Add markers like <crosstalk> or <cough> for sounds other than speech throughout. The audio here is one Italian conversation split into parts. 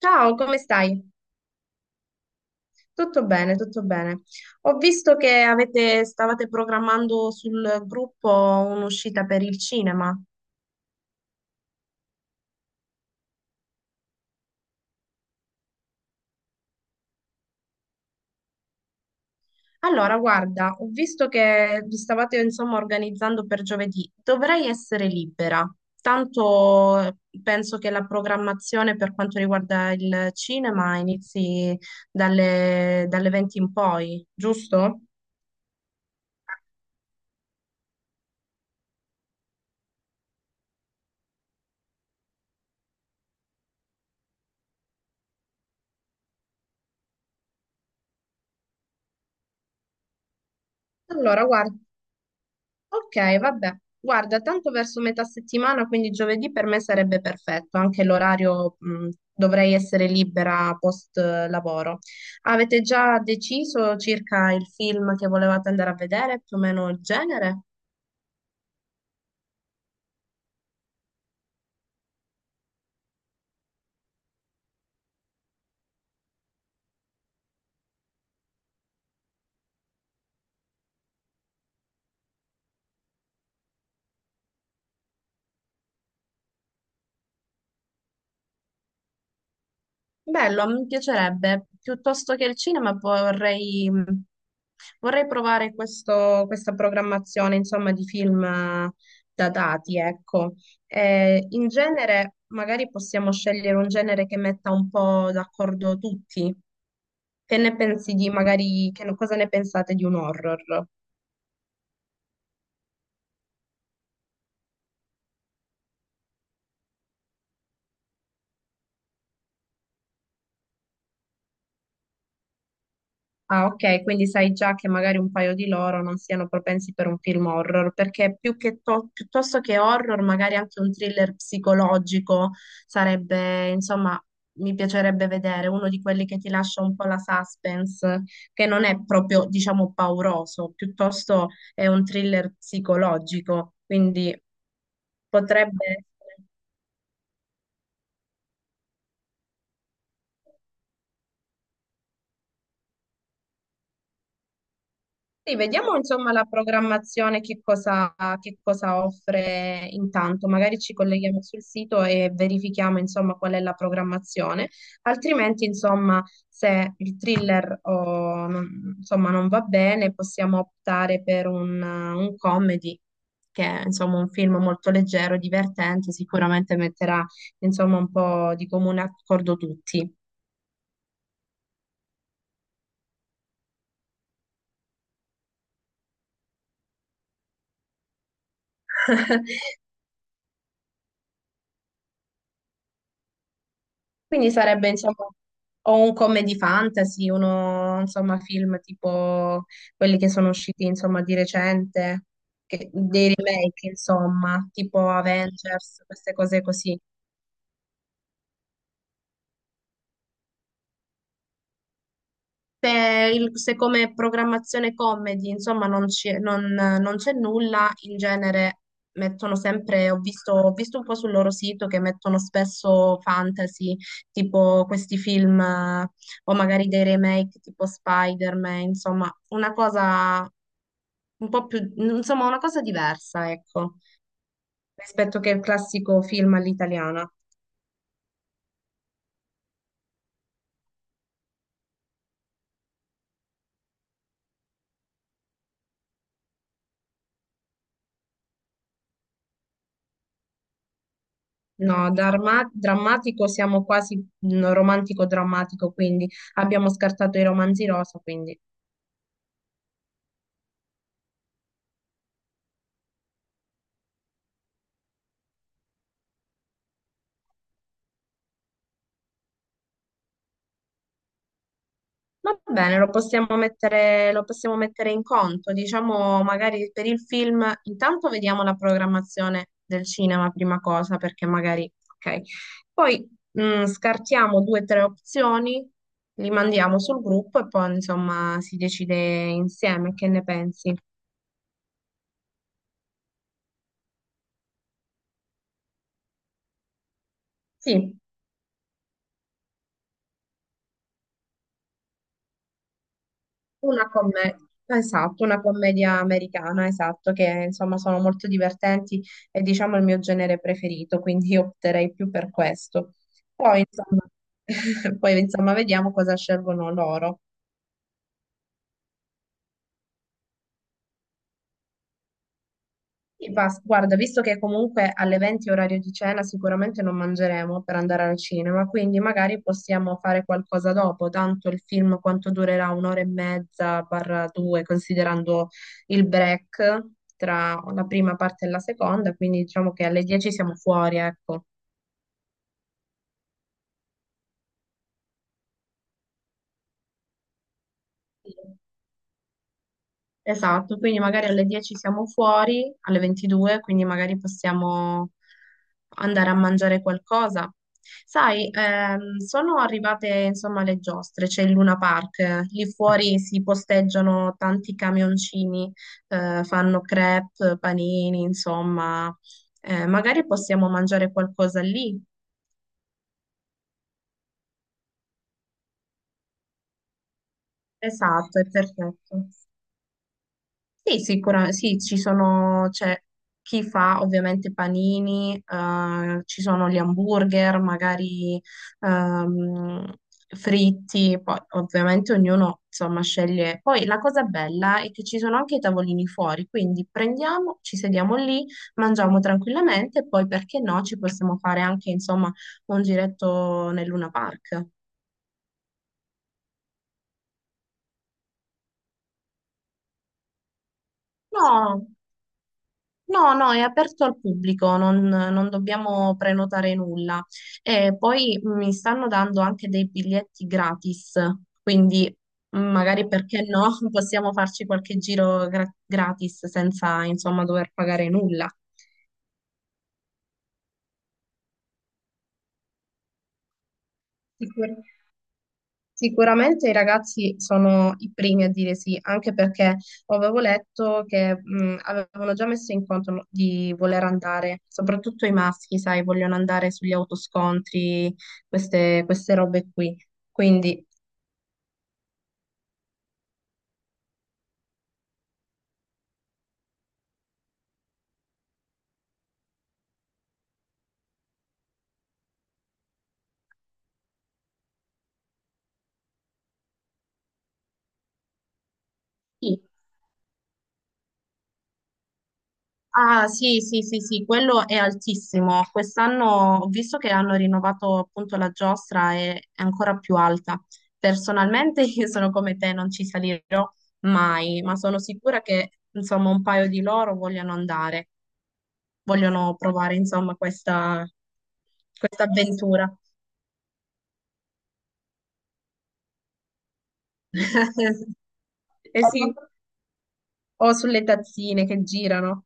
Ciao, come stai? Tutto bene, tutto bene. Ho visto che stavate programmando sul gruppo un'uscita per il cinema. Allora, guarda, ho visto che vi stavate insomma organizzando per giovedì. Dovrei essere libera. Tanto penso che la programmazione per quanto riguarda il cinema inizi dalle 20 in poi, giusto? Allora, guarda. Ok, vabbè. Guarda, tanto verso metà settimana, quindi giovedì per me sarebbe perfetto, anche l'orario, dovrei essere libera post lavoro. Avete già deciso circa il film che volevate andare a vedere, più o meno il genere? Bello, mi piacerebbe. Piuttosto che il cinema vorrei, vorrei provare questa programmazione, insomma, di film datati, ecco. In genere, magari possiamo scegliere un genere che metta un po' d'accordo tutti. Che ne pensi di, magari, che, cosa ne pensate di un horror? Ah, ok, quindi sai già che magari un paio di loro non siano propensi per un film horror, perché più che piuttosto che horror, magari anche un thriller psicologico sarebbe, insomma, mi piacerebbe vedere uno di quelli che ti lascia un po' la suspense, che non è proprio, diciamo, pauroso, piuttosto è un thriller psicologico, quindi potrebbe essere. Sì, vediamo insomma la programmazione, che cosa offre intanto. Magari ci colleghiamo sul sito e verifichiamo insomma qual è la programmazione. Altrimenti, insomma, se il thriller o, insomma, non va bene, possiamo optare per un comedy, che è insomma un film molto leggero, divertente, sicuramente metterà insomma un po' di comune accordo tutti. <laughs> Quindi sarebbe, insomma, o un comedy fantasy, uno, insomma, film tipo quelli che sono usciti, insomma, di recente, dei remake, insomma, tipo Avengers, queste cose così. Se, se come programmazione comedy, insomma, non c'è nulla, in genere mettono sempre, ho visto un po' sul loro sito che mettono spesso fantasy, tipo questi film, o magari dei remake tipo Spider-Man, insomma, una cosa un po' più, insomma, una cosa diversa, ecco, rispetto che il classico film all'italiana. No, drammatico siamo quasi romantico-drammatico, quindi abbiamo scartato i romanzi rosa, quindi va bene, lo possiamo mettere in conto. Diciamo, magari per il film, intanto vediamo la programmazione del cinema prima cosa, perché magari, ok. Poi scartiamo due o tre opzioni, li mandiamo sul gruppo e poi insomma si decide insieme, che ne pensi? Sì. Una commedia, esatto, una commedia americana, esatto, che insomma sono molto divertenti e diciamo il mio genere preferito, quindi io opterei più per questo. Poi insomma, <laughs> poi, insomma, vediamo cosa scelgono loro. E basta. Guarda, visto che comunque alle 20 orario di cena sicuramente non mangeremo per andare al cinema, quindi magari possiamo fare qualcosa dopo, tanto il film quanto durerà un'ora e mezza barra due, considerando il break tra la prima parte e la seconda, quindi diciamo che alle 10 siamo fuori, ecco. Esatto, quindi magari alle 10 siamo fuori, alle 22, quindi magari possiamo andare a mangiare qualcosa. Sai, sono arrivate insomma le giostre, c'è il Luna Park, lì fuori si posteggiano tanti camioncini, fanno crepe, panini, insomma, eh, magari possiamo mangiare qualcosa lì. Esatto, è perfetto. Sì, sicuramente, sì, c'è chi fa ovviamente panini, ci sono gli hamburger, magari ehm, fritti, poi ovviamente ognuno insomma sceglie. Poi la cosa bella è che ci sono anche i tavolini fuori, quindi prendiamo, ci sediamo lì, mangiamo tranquillamente e poi perché no, ci possiamo fare anche insomma un giretto nel Luna Park. No. No, no, è aperto al pubblico, non dobbiamo prenotare nulla. E poi mi stanno dando anche dei biglietti gratis, quindi magari perché no, <laughs> possiamo farci qualche giro gratis senza, insomma, dover pagare nulla. Sicur- Sicuramente i ragazzi sono i primi a dire sì, anche perché avevo letto che avevano già messo in conto no, di voler andare, soprattutto i maschi, sai, vogliono andare sugli autoscontri, queste robe qui. Quindi sì, ah, sì, sì, sì, sì, quello è altissimo. Quest'anno ho visto che hanno rinnovato appunto la giostra e è ancora più alta. Personalmente <laughs> io sono come te, non ci salirò mai, ma sono sicura che insomma un paio di loro vogliono andare, vogliono provare insomma questa, questa avventura. <laughs> Eh sì, o sulle tazzine che girano.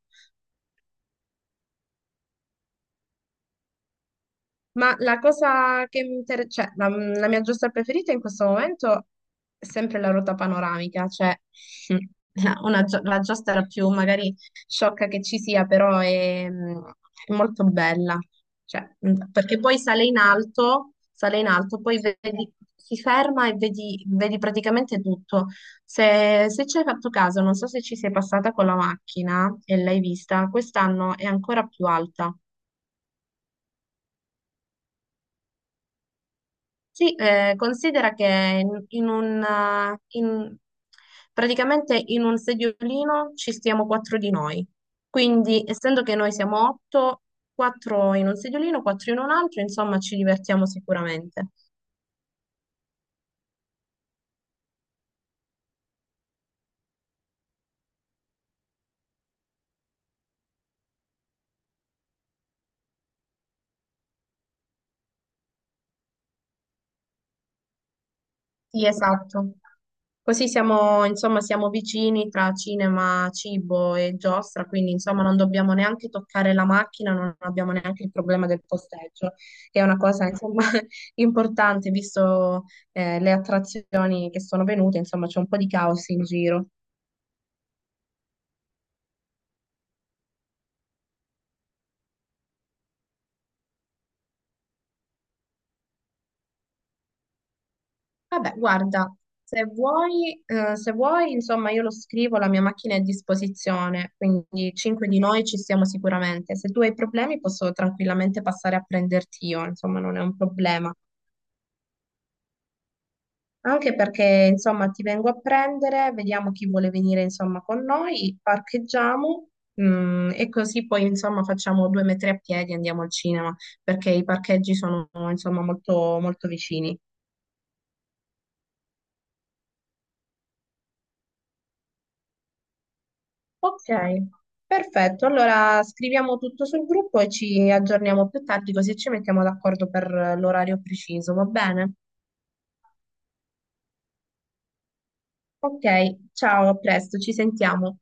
Ma la cosa che mi interessa, cioè la mia giostra preferita in questo momento è sempre la ruota panoramica, cioè <laughs> mm, la giostra più magari sciocca che ci sia, però è, è molto bella, cioè, perché poi sale in alto, poi vedi, si ferma e vedi, vedi praticamente tutto. Se ci hai fatto caso, non so se ci sei passata con la macchina e l'hai vista, quest'anno è ancora più alta. Sì, considera che in, in un, eh, in- praticamente in un sediolino ci stiamo 4 di noi. Quindi, essendo che noi siamo 8, 4 in un sediolino, 4 in un altro, insomma, ci divertiamo sicuramente. Sì, esatto. Così siamo, insomma, siamo vicini tra cinema, cibo e giostra, quindi insomma non dobbiamo neanche toccare la macchina, non abbiamo neanche il problema del posteggio, che è una cosa insomma <laughs> importante, visto le attrazioni che sono venute, insomma c'è un po' di caos in giro. Vabbè, guarda, se vuoi, insomma, io lo scrivo, la mia macchina è a disposizione, quindi 5 di noi ci siamo sicuramente. Se tu hai problemi posso tranquillamente passare a prenderti io, insomma, non è un problema. Anche perché, insomma, ti vengo a prendere, vediamo chi vuole venire, insomma, con noi, parcheggiamo, e così poi, insomma, facciamo due metri a piedi e andiamo al cinema, perché i parcheggi sono, insomma, molto vicini. Ok, perfetto. Allora scriviamo tutto sul gruppo e ci aggiorniamo più tardi, così ci mettiamo d'accordo per l'orario preciso, va bene? Ok, ciao, a presto, ci sentiamo.